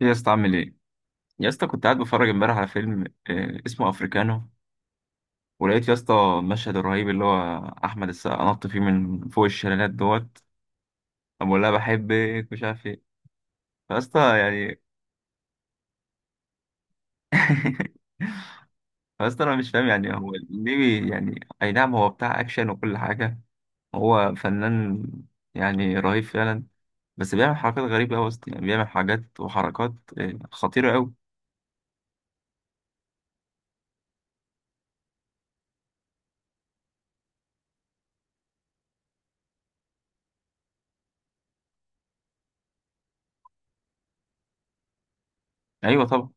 يا اسطى، عامل ايه؟ يا اسطى، كنت قاعد بتفرج امبارح على فيلم. آه، اسمه افريكانو. ولقيت يا اسطى المشهد الرهيب اللي هو احمد السقا نط فيه من فوق الشلالات دوت. أما بقول لها بحبك مش عارف ايه. فيا اسطى يعني. فيا اسطى، انا مش فاهم، يعني هو ليه يعني اي نعم، هو بتاع اكشن وكل حاجه. هو فنان، يعني رهيب فعلا. بس بيعمل حركات غريبه قوي يا اسطى، يعني بيعمل حاجات وحركات آه، خطيره قوي. ايوه طبعا.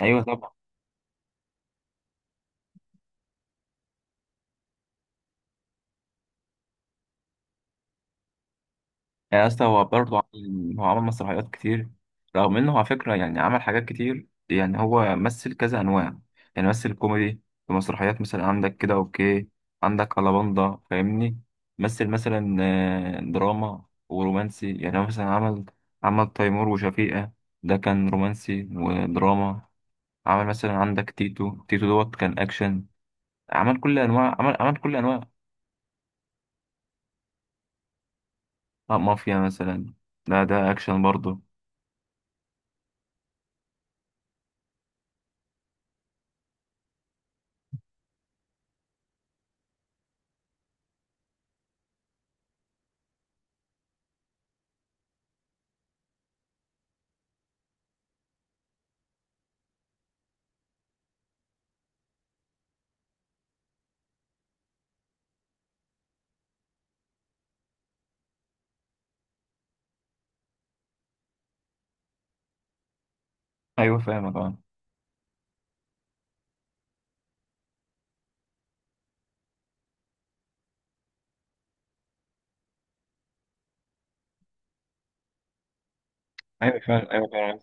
ايوه طبعا. يعني يا اسطى، هو برضه هو عمل مسرحيات كتير. رغم انه على فكرة يعني عمل حاجات كتير، يعني هو مثل كذا انواع. يعني مثل كوميدي في مسرحيات، مثلا عندك كده اوكي، عندك ألاباندا فاهمني. مثل مثلا آه، دراما ورومانسي، يعني هو مثلا عمل عمل تيمور وشفيقة، ده كان رومانسي ودراما. عمل مثلا عندك تيتو تيتو دوت، كان اكشن. عمل كل انواع، عمل كل انواع. آه، مافيا مثلا. لا ده اكشن برضه. ايوه فاهمك اه. ايوه فعلا. ايوه فعلا.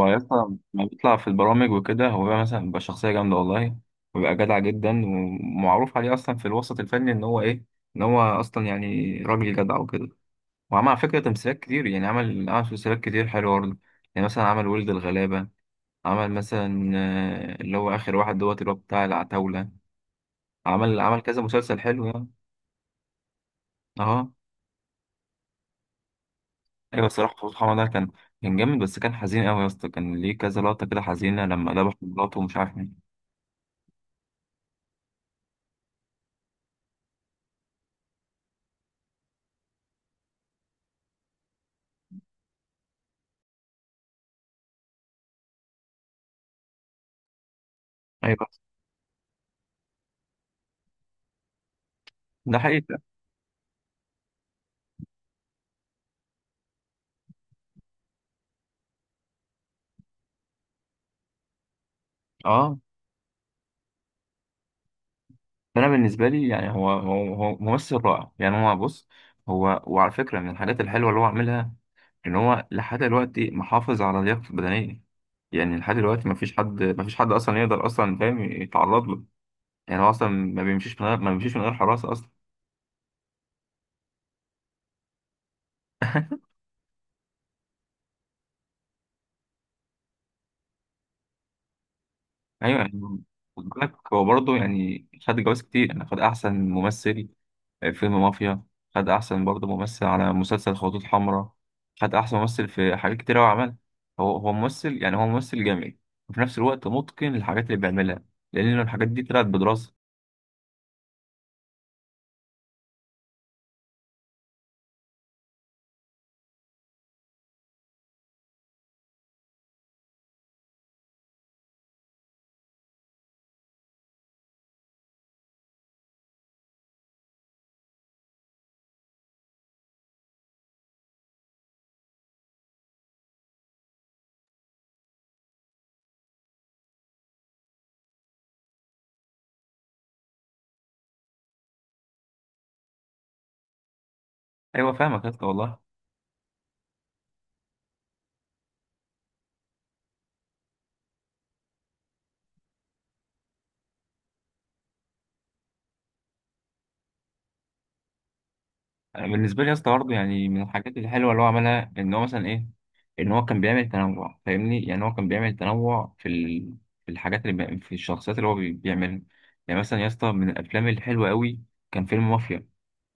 هو يا اسطى لما بيطلع في البرامج وكده، هو بقى مثلا بيبقى شخصيه جامده والله. وبيبقى جدع جدا، ومعروف عليه اصلا في الوسط الفني ان هو ايه، ان هو اصلا يعني راجل جدع وكده. وعمل على فكره تمثيلات كتير، يعني عمل تمثيلات كتير حلوه برضه. يعني مثلا عمل ولد الغلابه. عمل مثلا آه، اللي هو اخر واحد دوت، اللي هو بتاع العتاوله. عمل كذا مسلسل حلو يعني. اه. ايوه الصراحه سبحان الله، كان جامد. بس كان حزين قوي يا اسطى، كان ليه كذا لقطه كده حزينه لما ذبح مراته ومش عارف مين. ايوه ده حقيقة. اه. فانا بالنسبه لي يعني هو ممثل رائع، يعني هو بص. هو، وعلى فكره من الحاجات الحلوه اللي هو عاملها، ان هو لحد دلوقتي محافظ على لياقته البدنيه. يعني لحد دلوقتي ما فيش حد اصلا يقدر، اصلا فاهم، يتعرض له. يعني هو اصلا ما بيمشيش من غير حراسه اصلا. ايوه يعني. خد بالك، هو برضه يعني خد جوائز كتير، يعني خد احسن ممثل فيلم مافيا. خد أحسن برضه ممثل على مسلسل خطوط حمراء. خد أحسن ممثل في حاجات كتير أوي عملها. هو ممثل، يعني هو ممثل جامد، وفي نفس الوقت متقن للحاجات اللي بيعملها، لأن الحاجات دي طلعت بدراسة. أيوة فاهمك يا اسطى والله. أنا بالنسبة لي يا اسطى برضه يعني من الحاجات الحلوة اللي هو عملها إن هو مثلا إيه، إن هو كان بيعمل تنوع فاهمني، يعني هو كان بيعمل تنوع في الحاجات اللي في الشخصيات اللي هو بيعملها. يعني مثلا يا اسطى، من الأفلام الحلوة أوي كان فيلم مافيا.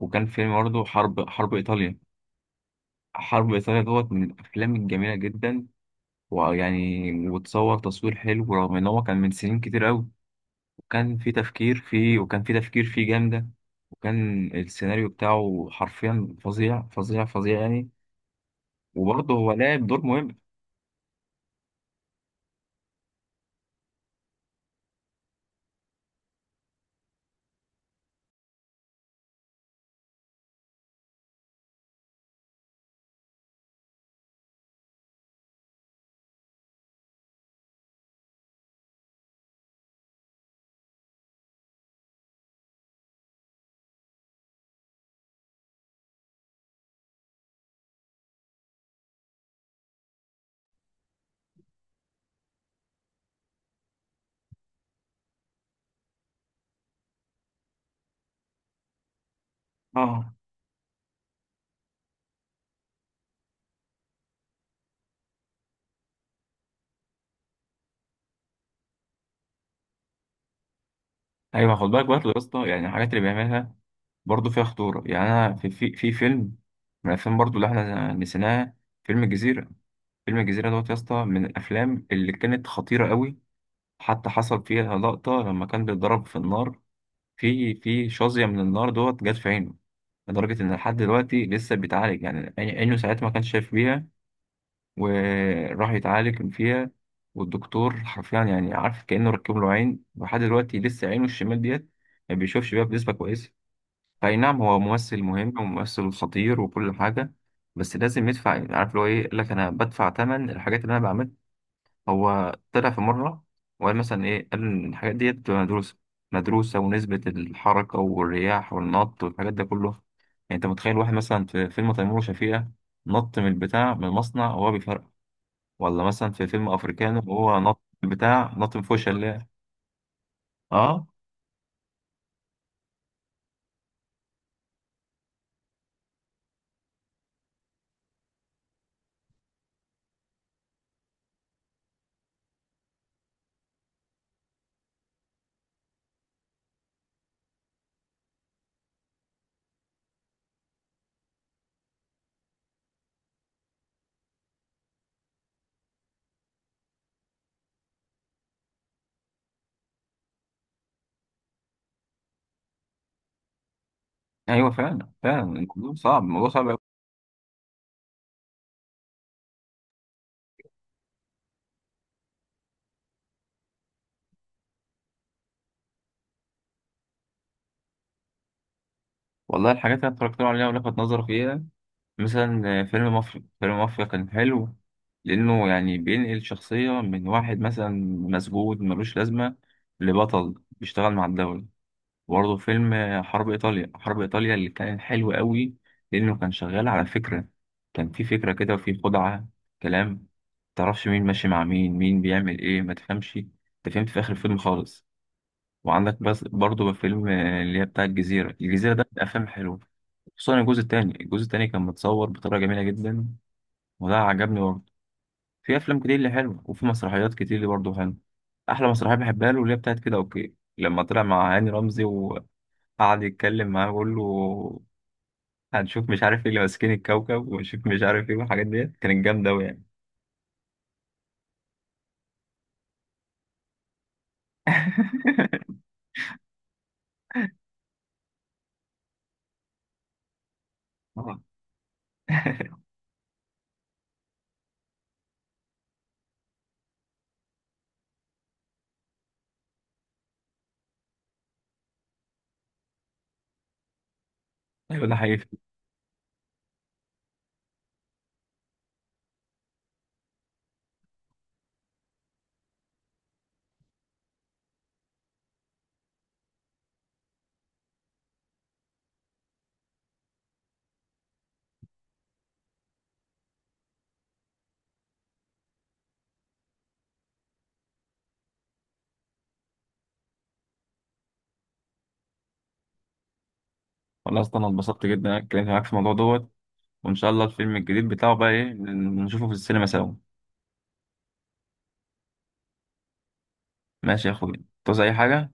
وكان فيلم برضه حرب إيطاليا. حرب إيطاليا دوت من الأفلام الجميلة جدا، ويعني وتصور تصوير حلو رغم إن هو كان من سنين كتير أوي. وكان في تفكير فيه جامدة. وكان السيناريو بتاعه حرفيا فظيع فظيع فظيع يعني. وبرضه هو لعب دور مهم. اه. أيوه خد بالك برضه يا اسطى، يعني الحاجات اللي بيعملها برضه فيها خطورة. يعني أنا في فيلم من الأفلام برضه اللي إحنا نسيناها، فيلم الجزيرة. فيلم الجزيرة دوت يا اسطى من الأفلام اللي كانت خطيرة أوي. حتى حصل فيها لقطة لما كان بيتضرب في النار، في شظية من النار دوت جت في عينه. لدرجة إن لحد دلوقتي لسه بيتعالج، يعني عينه ساعتها ما كانش شايف بيها، وراح يتعالج فيها. والدكتور حرفيا يعني، عارف، كأنه ركب له عين، ولحد دلوقتي لسه عينه الشمال ديت ما بيشوفش بيها بنسبة كويسة. فأي نعم، هو ممثل مهم وممثل خطير وكل حاجة، بس لازم يدفع. عارف اللي هو إيه، يقول لك أنا بدفع تمن الحاجات اللي أنا بعملها. هو طلع في مرة وقال مثلا إيه، قال إن الحاجات ديت بتبقى مدروسة. مدروسة ونسبة الحركة والرياح والنط والحاجات ده كله، يعني أنت متخيل واحد مثلا في فيلم تيمور وشفيقة نط من البتاع، من المصنع وهو بيفرقع؟ ولا مثلا في فيلم أفريكانو وهو نط من البتاع، نط من فوق الشلال؟ أه. أيوه فعلا فعلا، الموضوع صعب، الموضوع صعب أوي. والله الحاجات اللي أنا اتفرجت عليها ولفت نظري فيها، مثلا فيلم مافيا. فيلم مافيا كان حلو، لأنه يعني بينقل شخصية من واحد مثلا مسجون ملوش لازمة لبطل بيشتغل مع الدولة. برضه فيلم حرب إيطاليا. حرب إيطاليا اللي كان حلو قوي، لأنه كان شغال على فكرة. كان في فكرة كده وفي خدعة، كلام متعرفش مين ماشي مع مين، مين بيعمل إيه، ما تفهمش أنت. فهمت في آخر الفيلم خالص. وعندك بس برضه فيلم اللي هي بتاع الجزيرة. الجزيرة ده من الأفلام الحلوة، خصوصا الجزء التاني. الجزء التاني كان متصور بطريقة جميلة جدا، وده عجبني برضه. في أفلام كتير اللي حلوة، وفي مسرحيات كتير اللي برضه حلوة. أحلى مسرحية بحبها له اللي هي بتاعت كده أوكي، لما طلع مع هاني رمزي وقعد يتكلم معاه ويقول له هنشوف مش عارف ايه اللي ماسكين الكوكب، ونشوف مش عارف ايه، والحاجات ديت كانت جامدة أوي يعني. آه. ايوه ده حقيقي. والله اصلا انا اتبسطت جدا إن انا اتكلمت معاك في الموضوع دوت، وان شاء الله الفيلم الجديد بتاعه بقى ايه نشوفه في السينما سوا. ماشي يا اخويا، تعوز اي حاجة؟